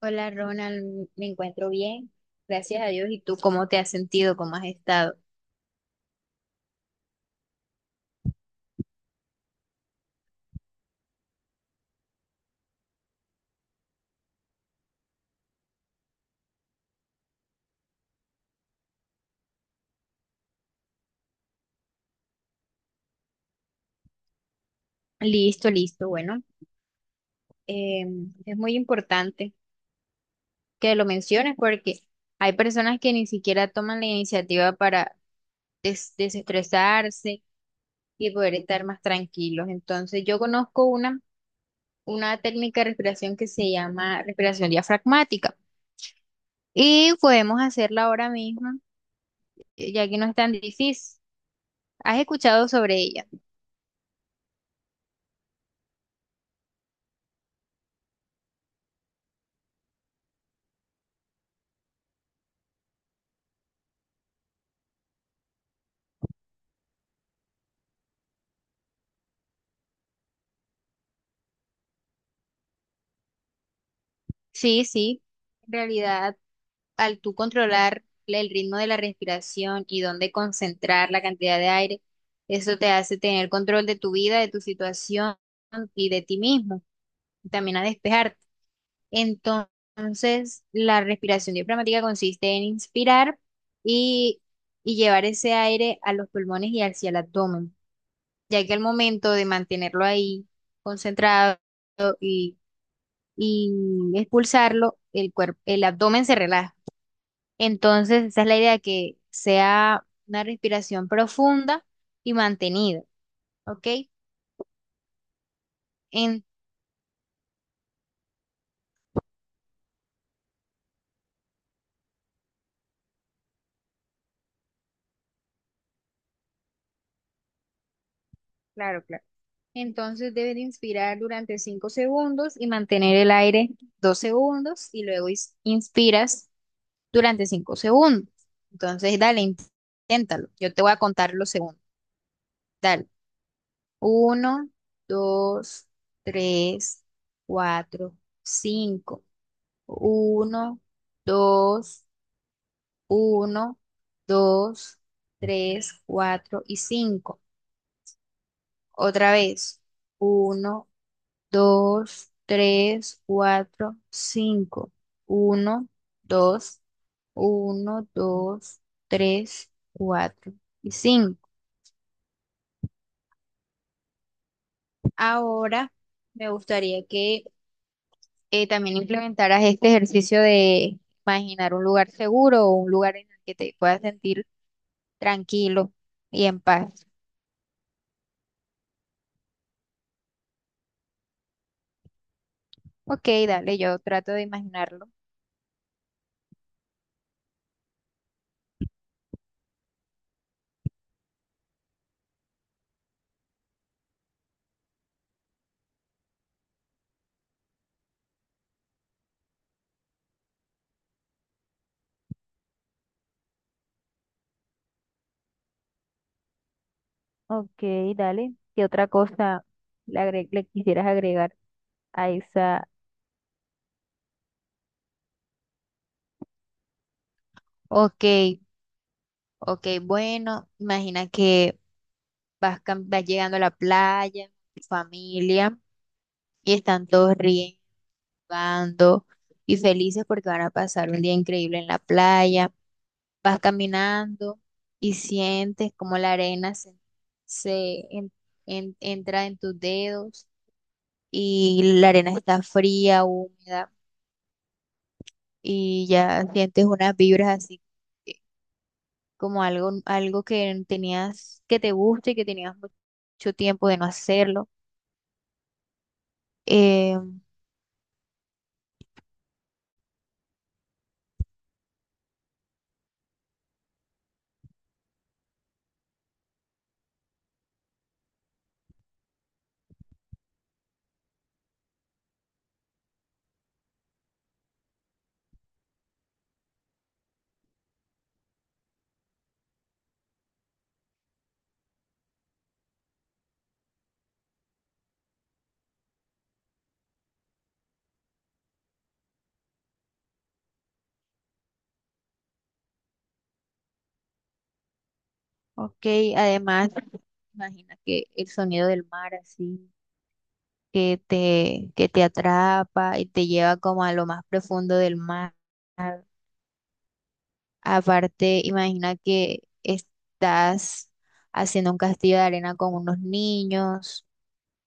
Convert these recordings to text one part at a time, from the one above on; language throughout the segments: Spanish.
Hola Ronald, me encuentro bien, gracias a Dios. ¿Y tú cómo te has sentido? ¿Cómo has estado? Listo, listo. Bueno, eh, es muy importante que lo menciones porque hay personas que ni siquiera toman la iniciativa para desestresarse y poder estar más tranquilos. Entonces, yo conozco una técnica de respiración que se llama respiración diafragmática y podemos hacerla ahora mismo, ya que no es tan difícil. ¿Has escuchado sobre ella? Sí, sí. En realidad, al tú controlar el ritmo de la respiración y dónde concentrar la cantidad de aire, eso te hace tener control de tu vida, de tu situación y de ti mismo, y también a despejarte. Entonces, la respiración diafragmática consiste en inspirar y, y llevar ese aire a los pulmones y hacia el abdomen, ya que al momento de mantenerlo ahí concentrado y, y expulsarlo, el cuerpo, el abdomen se relaja. Entonces, esa es la idea, que sea una respiración profunda y mantenida, ¿ok? En, claro, claro. Entonces deben inspirar durante 5 segundos y mantener el aire 2 segundos y luego inspiras durante 5 segundos. Entonces, dale, inténtalo. Yo te voy a contar los segundos. Dale. Uno, dos, tres, cuatro, cinco. Uno, dos. Uno, dos, tres, cuatro y cinco. Otra vez. Uno, dos, tres, cuatro, cinco. Uno, dos, uno, dos, tres, cuatro y cinco. Ahora me gustaría que también implementaras este ejercicio de imaginar un lugar seguro o un lugar en el que te puedas sentir tranquilo y en paz. Ok, dale, yo trato de imaginarlo. Ok, dale. ¿Qué otra cosa le quisieras agregar a esa? Ok, ok, bueno, imagina que vas llegando a la playa, tu familia, y están todos riendo, jugando y felices porque van a pasar un día increíble en la playa. Vas caminando y sientes como la arena se entra en tus dedos y la arena está fría, húmeda. Y ya sientes unas vibras así, eh, como algo que tenías, que te guste y que tenías mucho tiempo de no hacerlo. Eh, ok, además, imagina que el sonido del mar así, que te atrapa y te lleva como a lo más profundo del mar. Aparte, imagina que estás haciendo un castillo de arena con unos niños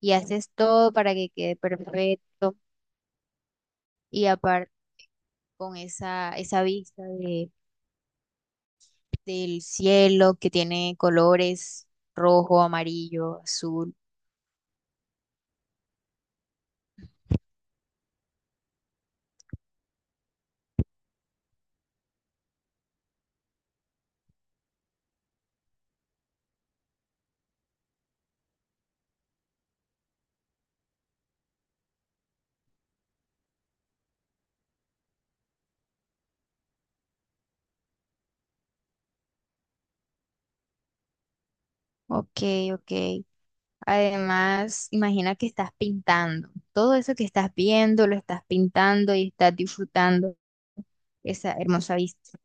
y haces todo para que quede perfecto. Y aparte, con esa vista del cielo que tiene colores rojo, amarillo, azul. Ok, ok. Además, imagina que estás pintando. Todo eso que estás viendo lo estás pintando y estás disfrutando esa hermosa vista.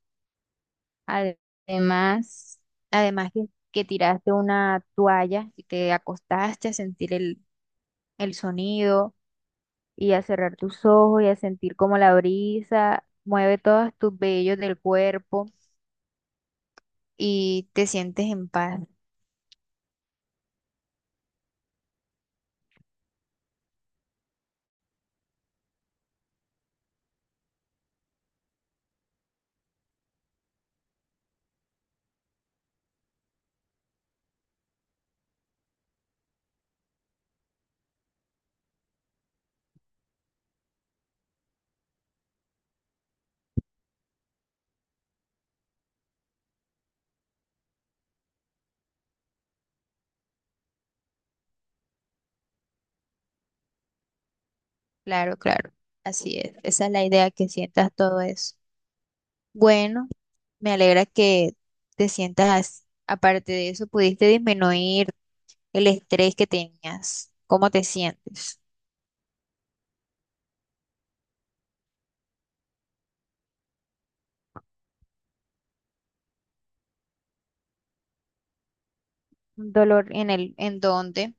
Además, además que, que, tiraste una toalla y te acostaste a sentir el sonido y a cerrar tus ojos y a sentir como la brisa mueve todos tus vellos del cuerpo y te sientes en paz. Claro, claro, así es. Esa es la idea, que sientas todo eso. Bueno, me alegra que te sientas así. Aparte de eso, pudiste disminuir el estrés que tenías. ¿Cómo te sientes? ¿Dolor en dónde?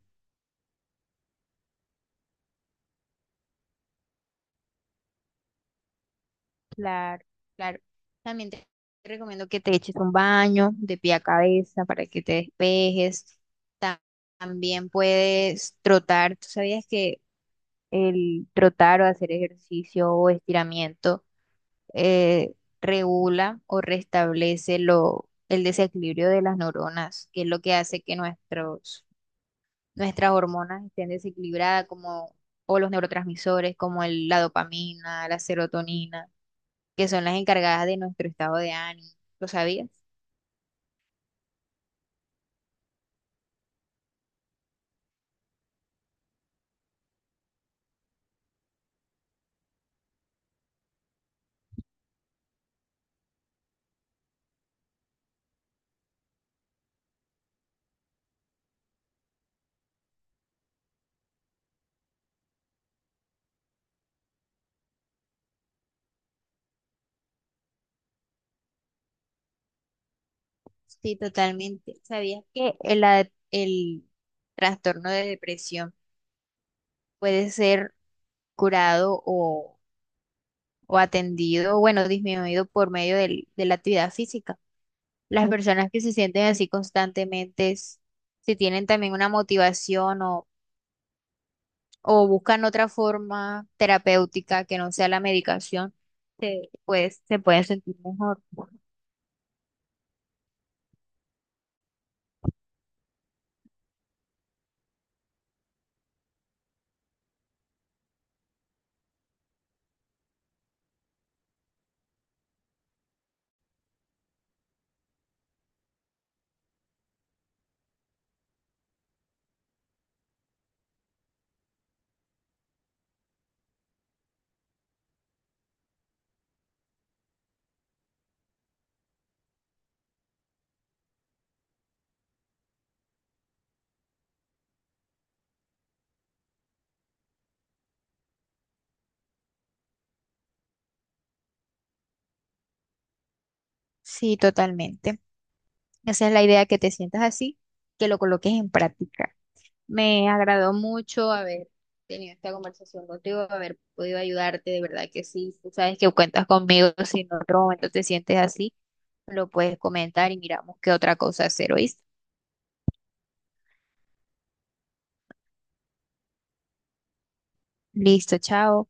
Claro, claro. También te recomiendo que te eches un baño de pie a cabeza para que te despejes. Ta- También puedes trotar. ¿Tú sabías que el trotar o hacer ejercicio o estiramiento eh, regula o restablece el desequilibrio de las neuronas, que es lo que hace que nuestras hormonas estén desequilibradas, o los neurotransmisores como la dopamina, la serotonina, que son las encargadas de nuestro estado de ánimo? ¿Lo sabías? Sí, totalmente. ¿Sabías que el trastorno de depresión puede ser curado o atendido, bueno, disminuido por medio de la actividad física? Las personas que se sienten así constantemente, si tienen también una motivación o buscan otra forma terapéutica que no sea la medicación, pues, se pueden sentir mejor. Sí, totalmente. Esa es la idea, que te sientas así, que lo coloques en práctica. Me agradó mucho haber tenido esta conversación contigo, haber podido ayudarte, de verdad que sí. Tú sabes que cuentas conmigo, si en otro momento te sientes así, lo puedes comentar y miramos qué otra cosa hacer, ¿oíste? Listo, chao.